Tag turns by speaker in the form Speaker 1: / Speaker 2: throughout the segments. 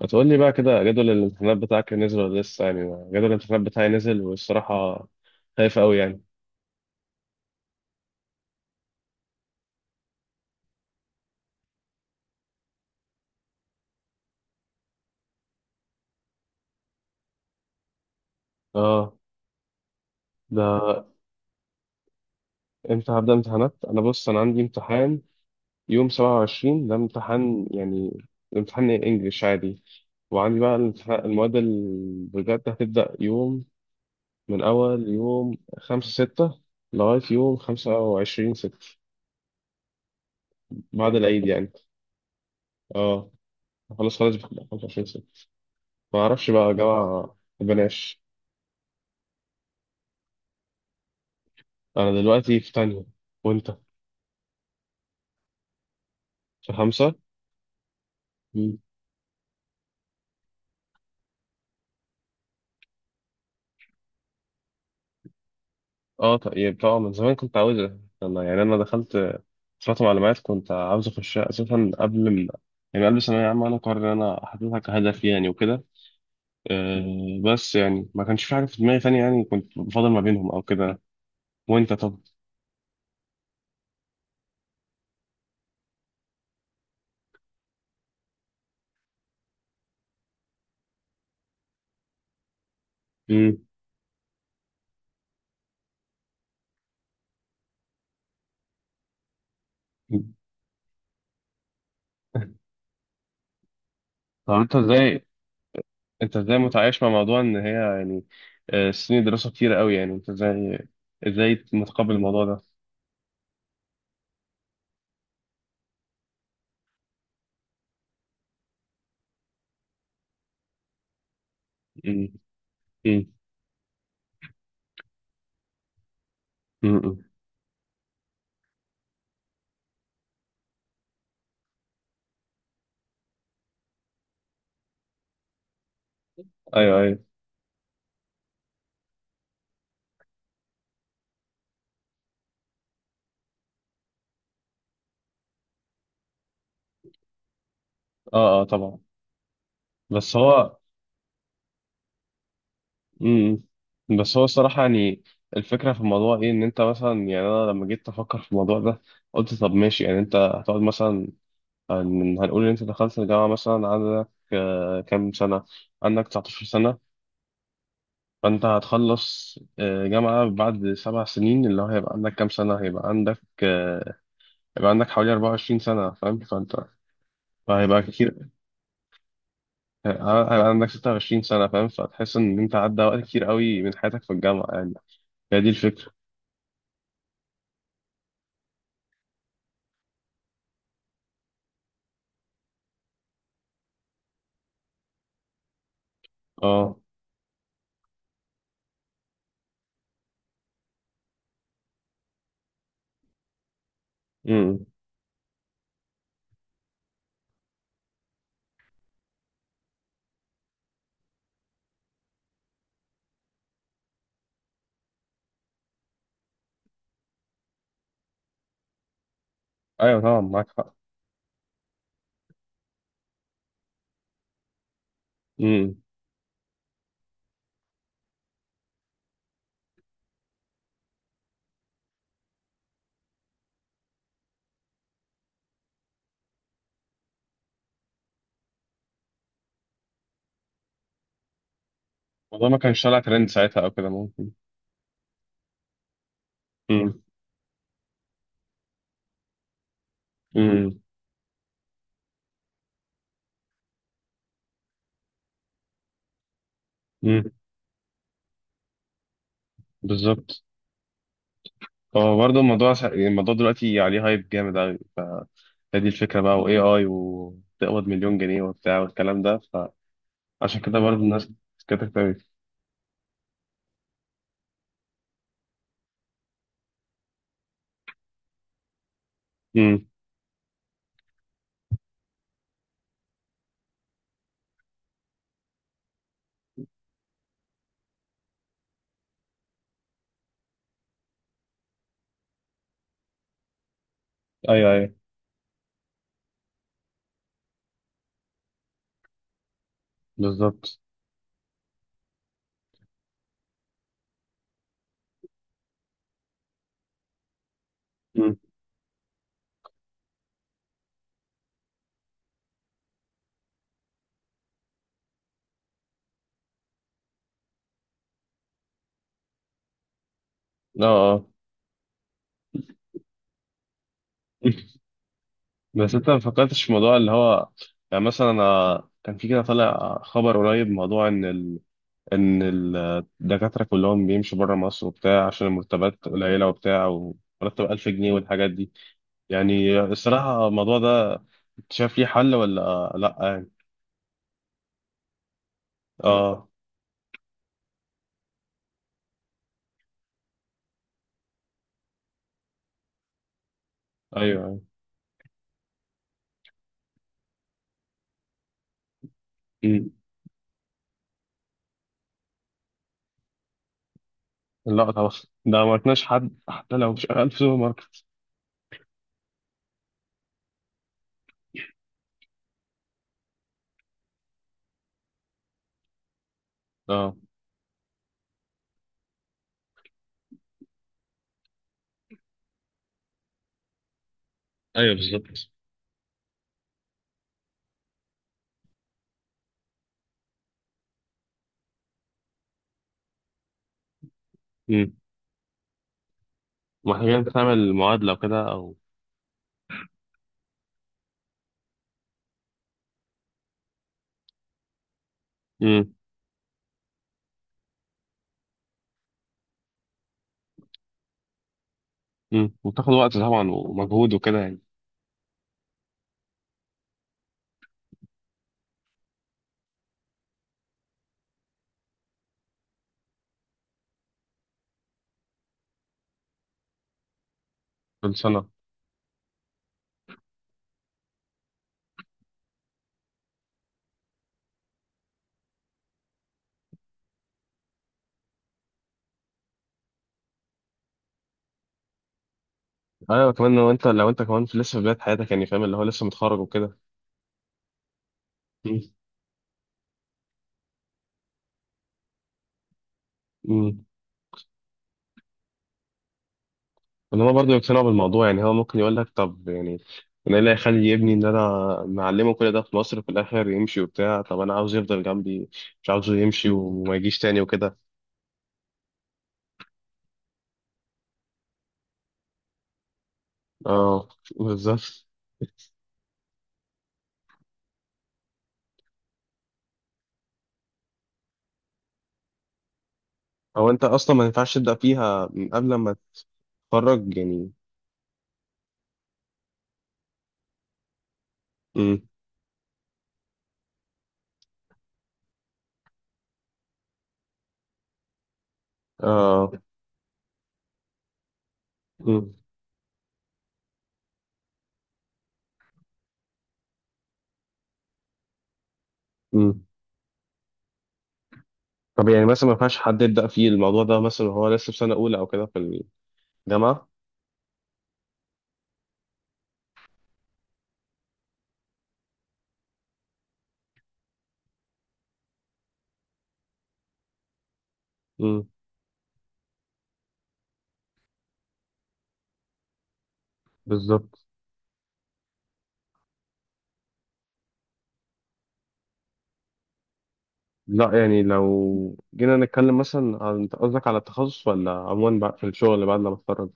Speaker 1: ما تقول لي بقى كده، جدول الامتحانات بتاعك نزل ولا لسه يعني؟ جدول الامتحانات بتاعي نزل، والصراحة خايف قوي يعني. اه. ده امتى هبدأ امتحانات؟ بص انا عندي امتحان يوم 27، ده امتحان، يعني امتحان انجليش عادي. وعندي بقى الامتحان، المواد اللي بجد هتبدأ يوم، من اول يوم 5 6 لغاية يوم 25 6، بعد العيد يعني. اه، خلاص خلاص. 25 6. ما اعرفش بقى، جامعة بلاش. انا دلوقتي في تانية، وانت؟ في خمسة. مم. اه، طيب طبعا، من زمان كنت عاوز. انا دخلت فترة معلومات، كنت عاوز اخشها اساسا قبل يعني قبل ثانوية عامة، انا قرر ان انا حاططها كهدف يعني وكده. أه، بس يعني ما كانش في حاجة في دماغي تانية، يعني كنت بفضل ما بينهم او كده. وانت طب؟ مم. طب انت ازاي متعايش مع موضوع ان هي، يعني سنين دراسة كتيرة قوي يعني، انت ازاي متقبل الموضوع ده؟ مم. مم. مم. ايوه ايوه. اه اه طبعا. بس هو امم بس هو الصراحة يعني، الفكرة في الموضوع ايه؟ ان انت مثلا، يعني انا لما جيت افكر في الموضوع ده قلت طب ماشي، يعني انت هتقعد مثلا، هنقول ان انت دخلت الجامعة مثلا، عندك كام سنة، عندك 19 سنة. فانت هتخلص جامعة بعد 7 سنين، اللي هو هيبقى عندك كام سنة؟ هيبقى عندك حوالي 24 سنة، فاهم؟ فانت فهيبقى كتير، هيبقى عندك 26 سنة، فاهم؟ فتحس إن أنت عدى وقت كتير قوي من حياتك في الجامعة يعني. هي دي الفكرة. اه. امم. ايوه طبعا، معاك حق. امم. والله ما كانش طالع ترند ساعتها او كده، ممكن. امم. امم. امم. بالظبط. هو برضه الموضوع يعني الموضوع دلوقتي عليه هايب جامد قوي، ف هي دي الفكرة بقى، واي اي، وتقبض مليون جنيه وبتاع والكلام ده. فعشان كده برضه الناس كتبت قوي. امم. ايوه ايوه. بالظبط. امم. اه اه. بس انت ما فكرتش في موضوع اللي هو، يعني مثلا انا كان في كده طالع خبر قريب، موضوع ان الدكاتره كلهم بيمشوا بره مصر وبتاع، عشان المرتبات قليله وبتاع، ومرتب 1000 جنيه والحاجات دي. يعني الصراحه الموضوع ده، انت شايف ليه حل ولا لا يعني؟ اه. ايوه أيوة. مم. لا طبعا، ده ما عرفناش حد حتى لو شغال في سوبر ماركت. اه، ايوه بالظبط. امم. محتاجين تعمل معادله وكده او... امم. وتاخد وقت طبعا ومجهود وكده يعني. كل سنه. ايوه، كمان لو انت كمان في لسه في بدايه حياتك يعني، فاهم؟ اللي هو لسه متخرج وكده. مم. مم. ان هو برضه يقتنعوا بالموضوع، يعني هو ممكن يقول لك طب يعني، انا ايه اللي هيخلي ابني ان انا معلمه كل ده في مصر في الاخر يمشي وبتاع؟ طب انا عاوزه يفضل جنبي، مش عاوزه يمشي وما يجيش تاني وكده. اه. بالظبط. او انت اصلا ما ينفعش تبدا فيها من قبل ما تتخرج يعني؟ امم. اه. امم. امم. طب يعني مثلا ما ينفعش حد يبدا فيه الموضوع ده مثلا وهو لسه في سنه اولى او كده في الجامعه؟ امم. بالظبط. لا، يعني لو جينا نتكلم مثلا عن، انت قصدك على التخصص ولا عموما بقى في الشغل بعد ما اتخرج؟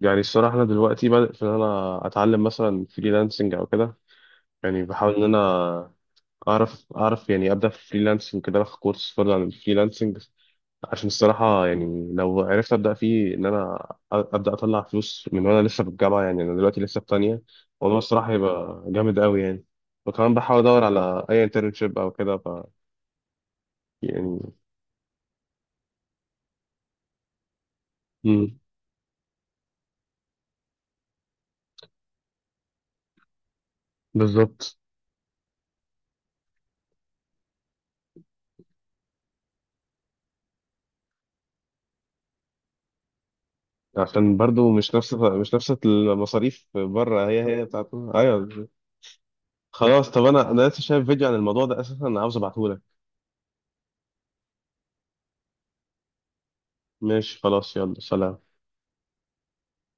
Speaker 1: يعني الصراحه انا دلوقتي بدات ان انا اتعلم مثلا فريلانسنج او كده. يعني بحاول ان انا اعرف يعني ابدا في الفريلانسنج كده، اخد كورس فرض عن الفريلانسنج. عشان الصراحه يعني لو عرفت ابدا فيه، ان انا ابدا اطلع فلوس من وانا لسه في الجامعه، يعني انا دلوقتي لسه في تانية. الموضوع الصراحه هيبقى جامد قوي يعني. وكمان بحاول ادور على اي انترنشيب او كده، يعني. مم. بالظبط. عشان برضو مش نفس المصاريف بره، هي بتاعتنا، ايوه. خلاص، طب انا لسه شايف فيديو عن الموضوع ده اساسا، انا عاوز ابعته لك. ماشي، خلاص، يلا سلام.